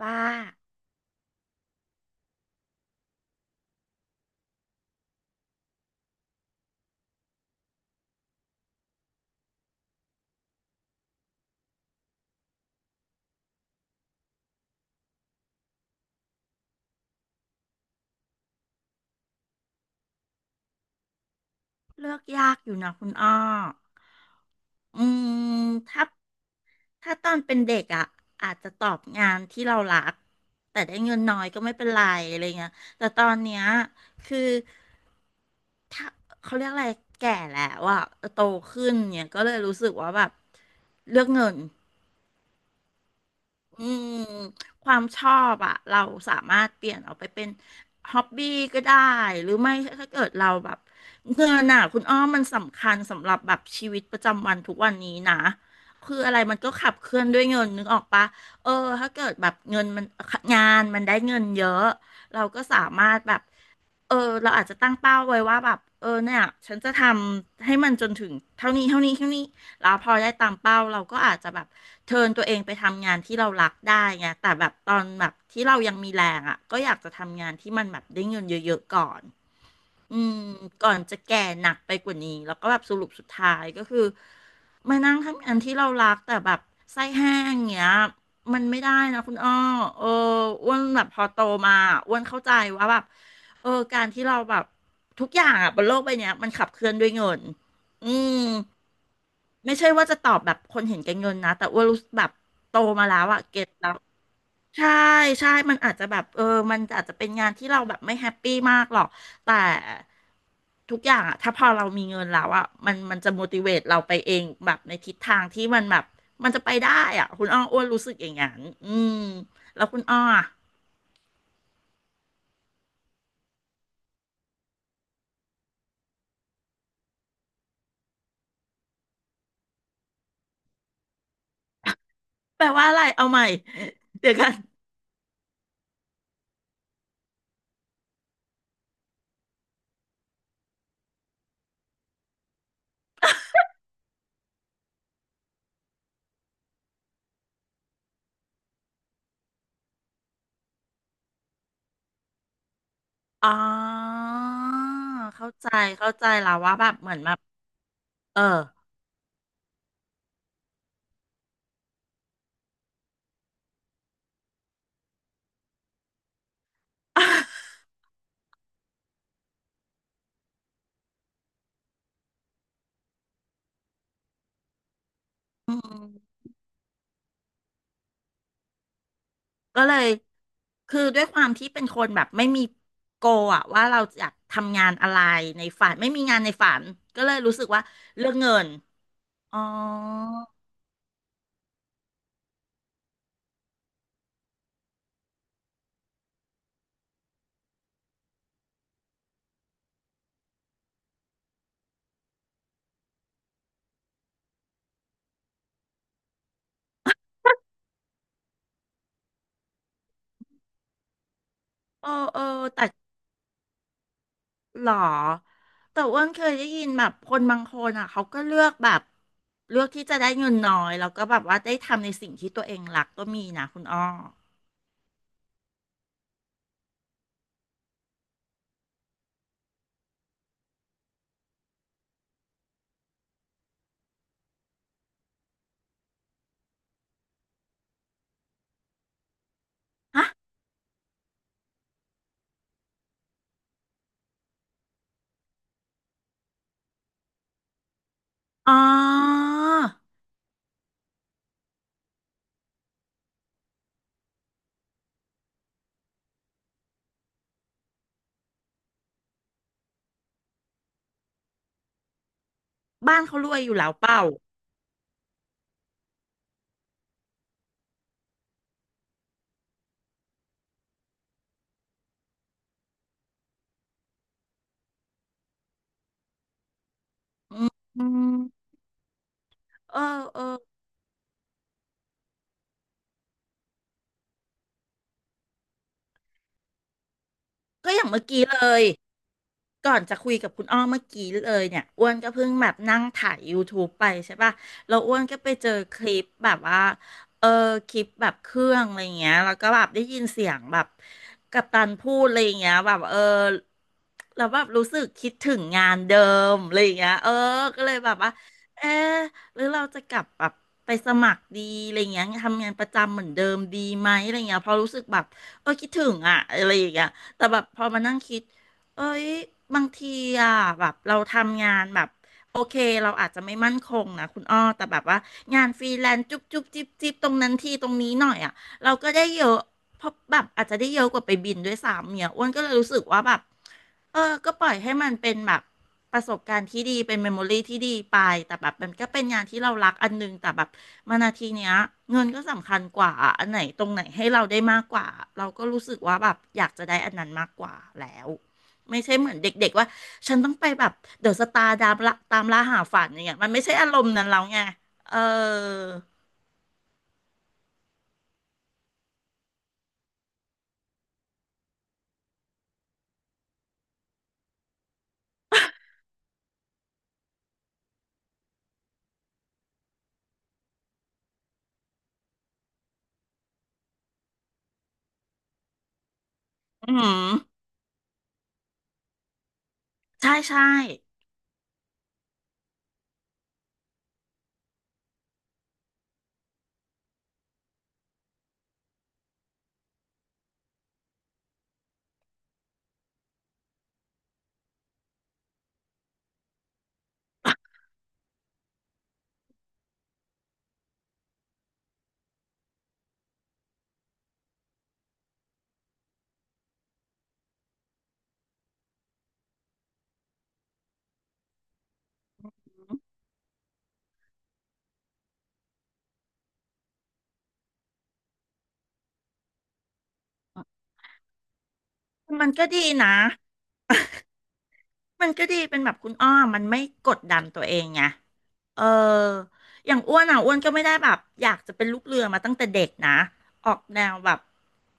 ว่าเลือกยากอยู่นะคุณอ้ออืมถ้าตอนเป็นเด็กอ่ะอาจจะตอบงานที่เรารักแต่ได้เงินน้อยก็ไม่เป็นไรอะไรเงี้ยแต่ตอนเนี้ยคือถ้าเขาเรียกอะไรแก่แล้วอ่ะโตขึ้นเนี่ยก็เลยรู้สึกว่าแบบเลือกเงิน อืมความชอบอะเราสามารถเปลี่ยนออกไปเป็นฮ็อบบี้ก็ได้หรือไม่ถ้าเกิดเราแบบเงินน่ะคุณอ้อมมันสำคัญสำหรับแบบชีวิตประจำวันทุกวันนี้นะคืออะไรมันก็ขับเคลื่อนด้วยเงินนึกออกปะเออถ้าเกิดแบบเงินมันงานมันได้เงินเยอะเราก็สามารถแบบ เออเราอาจจะตั้งเป้าไว้ว่าแบบเออเนี่ยฉันจะทำให้มันจนถึงเท่านี้เท่านี้เท่านี้แล้วพอได้ตามเป้าเราก็อาจจะแบบเทิร์นตัวเองไปทำงานที่เรารักได้ไงแต่แบบตอนแบบที่เรายังมีแรงอ่ะก็อยากจะทำงานที่มันแบบได้เงินเยอะๆก่อนอืมก่อนจะแก่หนักไปกว่านี้แล้วก็แบบสรุปสุดท้ายก็คือมานั่งทำงานที่เรารักแต่แบบไส้แห้งเงี้ย มันไม่ได้นะคุณอ้อเอออ้วนแบบพอโตมาอ้วนเข้าใจว่าแบบเออการที่เราแบบทุกอย่างอะบนโลกใบเนี้ยมันขับเคลื่อนด้วยเงิน อืมไม่ใช่ว่าจะตอบแบบคนเห็นแก่เงินนะแต่อ้วนรู้สึกแบบโตมาแล้วอะเก็ตแล้ว ใช่ใช่ มันอาจจะแบบเออ มันอาจจะเป็นงานที่เราแบบไม่แฮปปี้มากหรอก แต่ทุกอย่างอะถ้าพอเรามีเงินแล้วอะมันจะ motivate เราไปเองแบบในทิศทางที่มันแบบมันจะไปได้อะคุณอ้ออ้วนรู้สึกอย่างนั้นอืมแล้วคุณอ้ออะแปลว่าอะไรเอาใหม่ เดี๋ยวกันอ๋อเข้าใจเข้าใจแล้วว่าแบบเหมือนแบบเออ อืม ก็เลยคือด้วยความที่เป็นคนแบบไม่มีโกอะว่าเราอยากทำงานอะไรในฝันไม่มีงานในฝันก็เลยรู้สึกว่าเรื่องเงินอ๋อเออแต่หรอแต่อ้วนเคยได้ยินแบบคนบางคนอ่ะเขาก็เลือกแบบเลือกที่จะได้เงินน้อยแล้วก็แบบว่าได้ทำในสิ่งที่ตัวเองรักก็มีนะคุณอ้อฮะอ๋อบ้านเขารวยอยู่แล้วเปล่าอืมเออเออก็อย่างเมื่อกี้เลย ก่อนจะคุยกับคุณอ้อเมื่อกี้เลยเนี่ยอ้วนก็เพิ่งแบบนั่งถ่าย YouTube ไปใช่ป่ะแล้วอ้วนก็ไปเจอคลิปแบบว่าเออคลิปแบบเครื่องอะไรเงี้ยแล้วก็แบบได้ยินเสียงแบบกัปตันพูดอะไรเงี้ยแบบเออแล้วแบบรู้สึกคิดถึงงานเดิมอะไรเงี้ยเออก็เลยแบบว่าเออหรือเราจะกลับแบบไปสมัครดีอะไรเงี้ยทำงานประจำเหมือนเดิมดีไหมอะไรเงี้ยเพราะรู้สึกแบบเออคิดถึงอ่ะอะไรอย่างเงี้ยแต่แบบพอมานั่งคิด เอ้ยบางทีอ่ะแบบเราทำงานแบบโอเคเราอาจจะไม่มั่นคงนะคุณอ้อแต่แบบว่างานฟรีแลนซ์จุ๊บจุ๊บจิ๊บจิ๊บตรงนั้นทีตรงนี้หน่อยอ่ะเราก็ได้เยอะเพราะแบบอาจจะได้เยอะกว่าไปบินด้วยซ้ำเนี่ยอ้วนก็เลยรู้สึกว่าแบบเออก็ปล่อยให้มันเป็นแบบประสบการณ์ที่ดีเป็นเมมโมรี่ที่ดีไปแต่แบบมันก็เป็นงานที่เรารักอันนึงแต่แบบมานาทีเนี้ยเงินก็สำคัญกว่าอะอันไหนตรงไหนให้เราได้มากกว่าเราก็รู้สึกว่าแบบอยากจะได้อันนั้นมากกว่าแล้ว ไม่ใช่เหมือนเด็กๆว่าฉันต้องไปแบบเดอะสตาร์ตามล่าตามล่าหาฝันอย่างเงี้ยมันไม่ใช่อารมณ์นั้นแล้วไงเอออืมใช่มันก็ดีนะ มันก็ดีเป็นแบบคุณอ้อมมันไม่กดดันตัวเองไงเอออย่างอ้วนอ่ะอ้วนก็ไม่ได้แบบอยากจะเป็นลูกเรือมาตั้งแต่เด็กนะออกแนวแบบ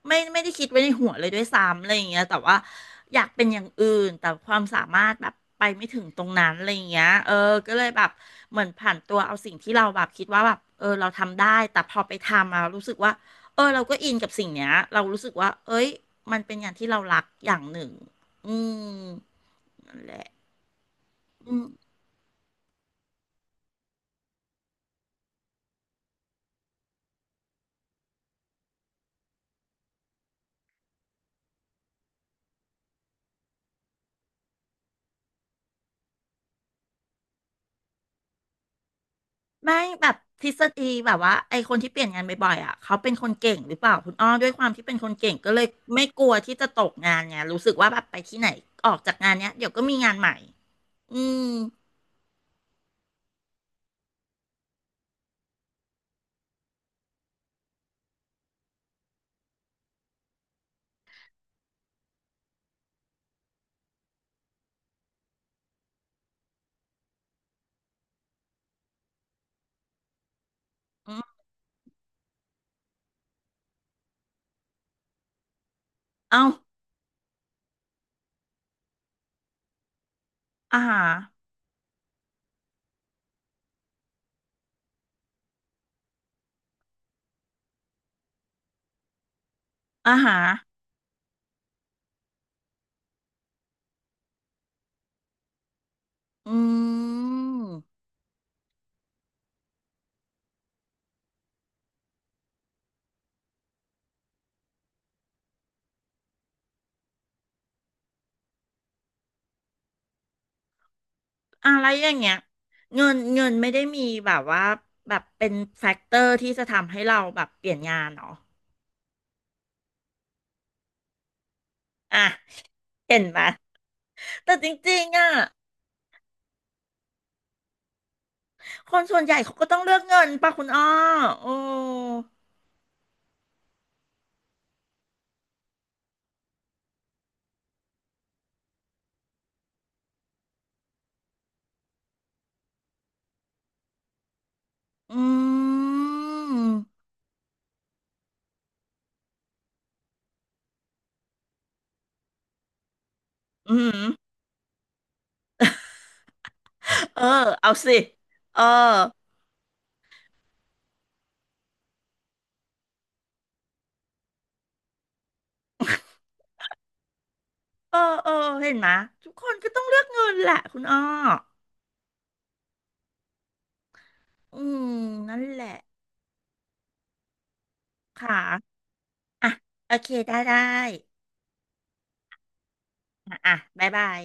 ไม่ได้คิดไว้ในหัวเลยด้วยซ้ำอะไรอย่างเงี้ยแต่ว่าอยากเป็นอย่างอื่นแต่ความสามารถแบบไปไม่ถึงตรงนั้นอะไรอย่างเงี้ยเออก็เลยแบบเหมือนผ่านตัวเอาสิ่งที่เราแบบคิดว่าแบบเออเราทำได้แต่พอไปทำมารู้สึกว่าเออเราก็อินกับสิ่งเนี้ยเรารู้สึกว่าเอ้ยมันเป็นงานที่เรารักอย่างหนึ่งอืมนั่นแหละ อืมไม่แบบทฤษฎีแบบว่าไอคนที่เปลี่ยนงานบ่อยๆอ่ะเขาเป็นคนเก่งหรือเปล่าคุณอ้อด้วยความที่เป็นคนเก่งก็เลยไม่กลัวที่จะตกงานไงรู้สึกว่าแบบไปที่ไหนออกจากงานเนี้ยเดี๋ยวก็มีงานใหม่อืมอืมเอ้าอาหารอาหารอืมอะไรอย่างเงี้ยเงินไม่ได้มีแบบว่าแบบเป็นแฟกเตอร์ที่จะทำให้เราแบบเปลี่ยนงานเหรออ่ะเห็นไหมแต่จริงๆอ่ะ คนส่วนใหญ่เขาก็ต้องเลือกเงินป่ะคุณอ้อโอ้อืมอืมเออ เอาสิ เออ เออเห็นไหมยทุกคนก็ต้องเลือกเงินแหละคุณอ้ออืมนั่นแหละค่ะอ่ะโอเค ได้อ่ะอ่ะบ๊ายบาย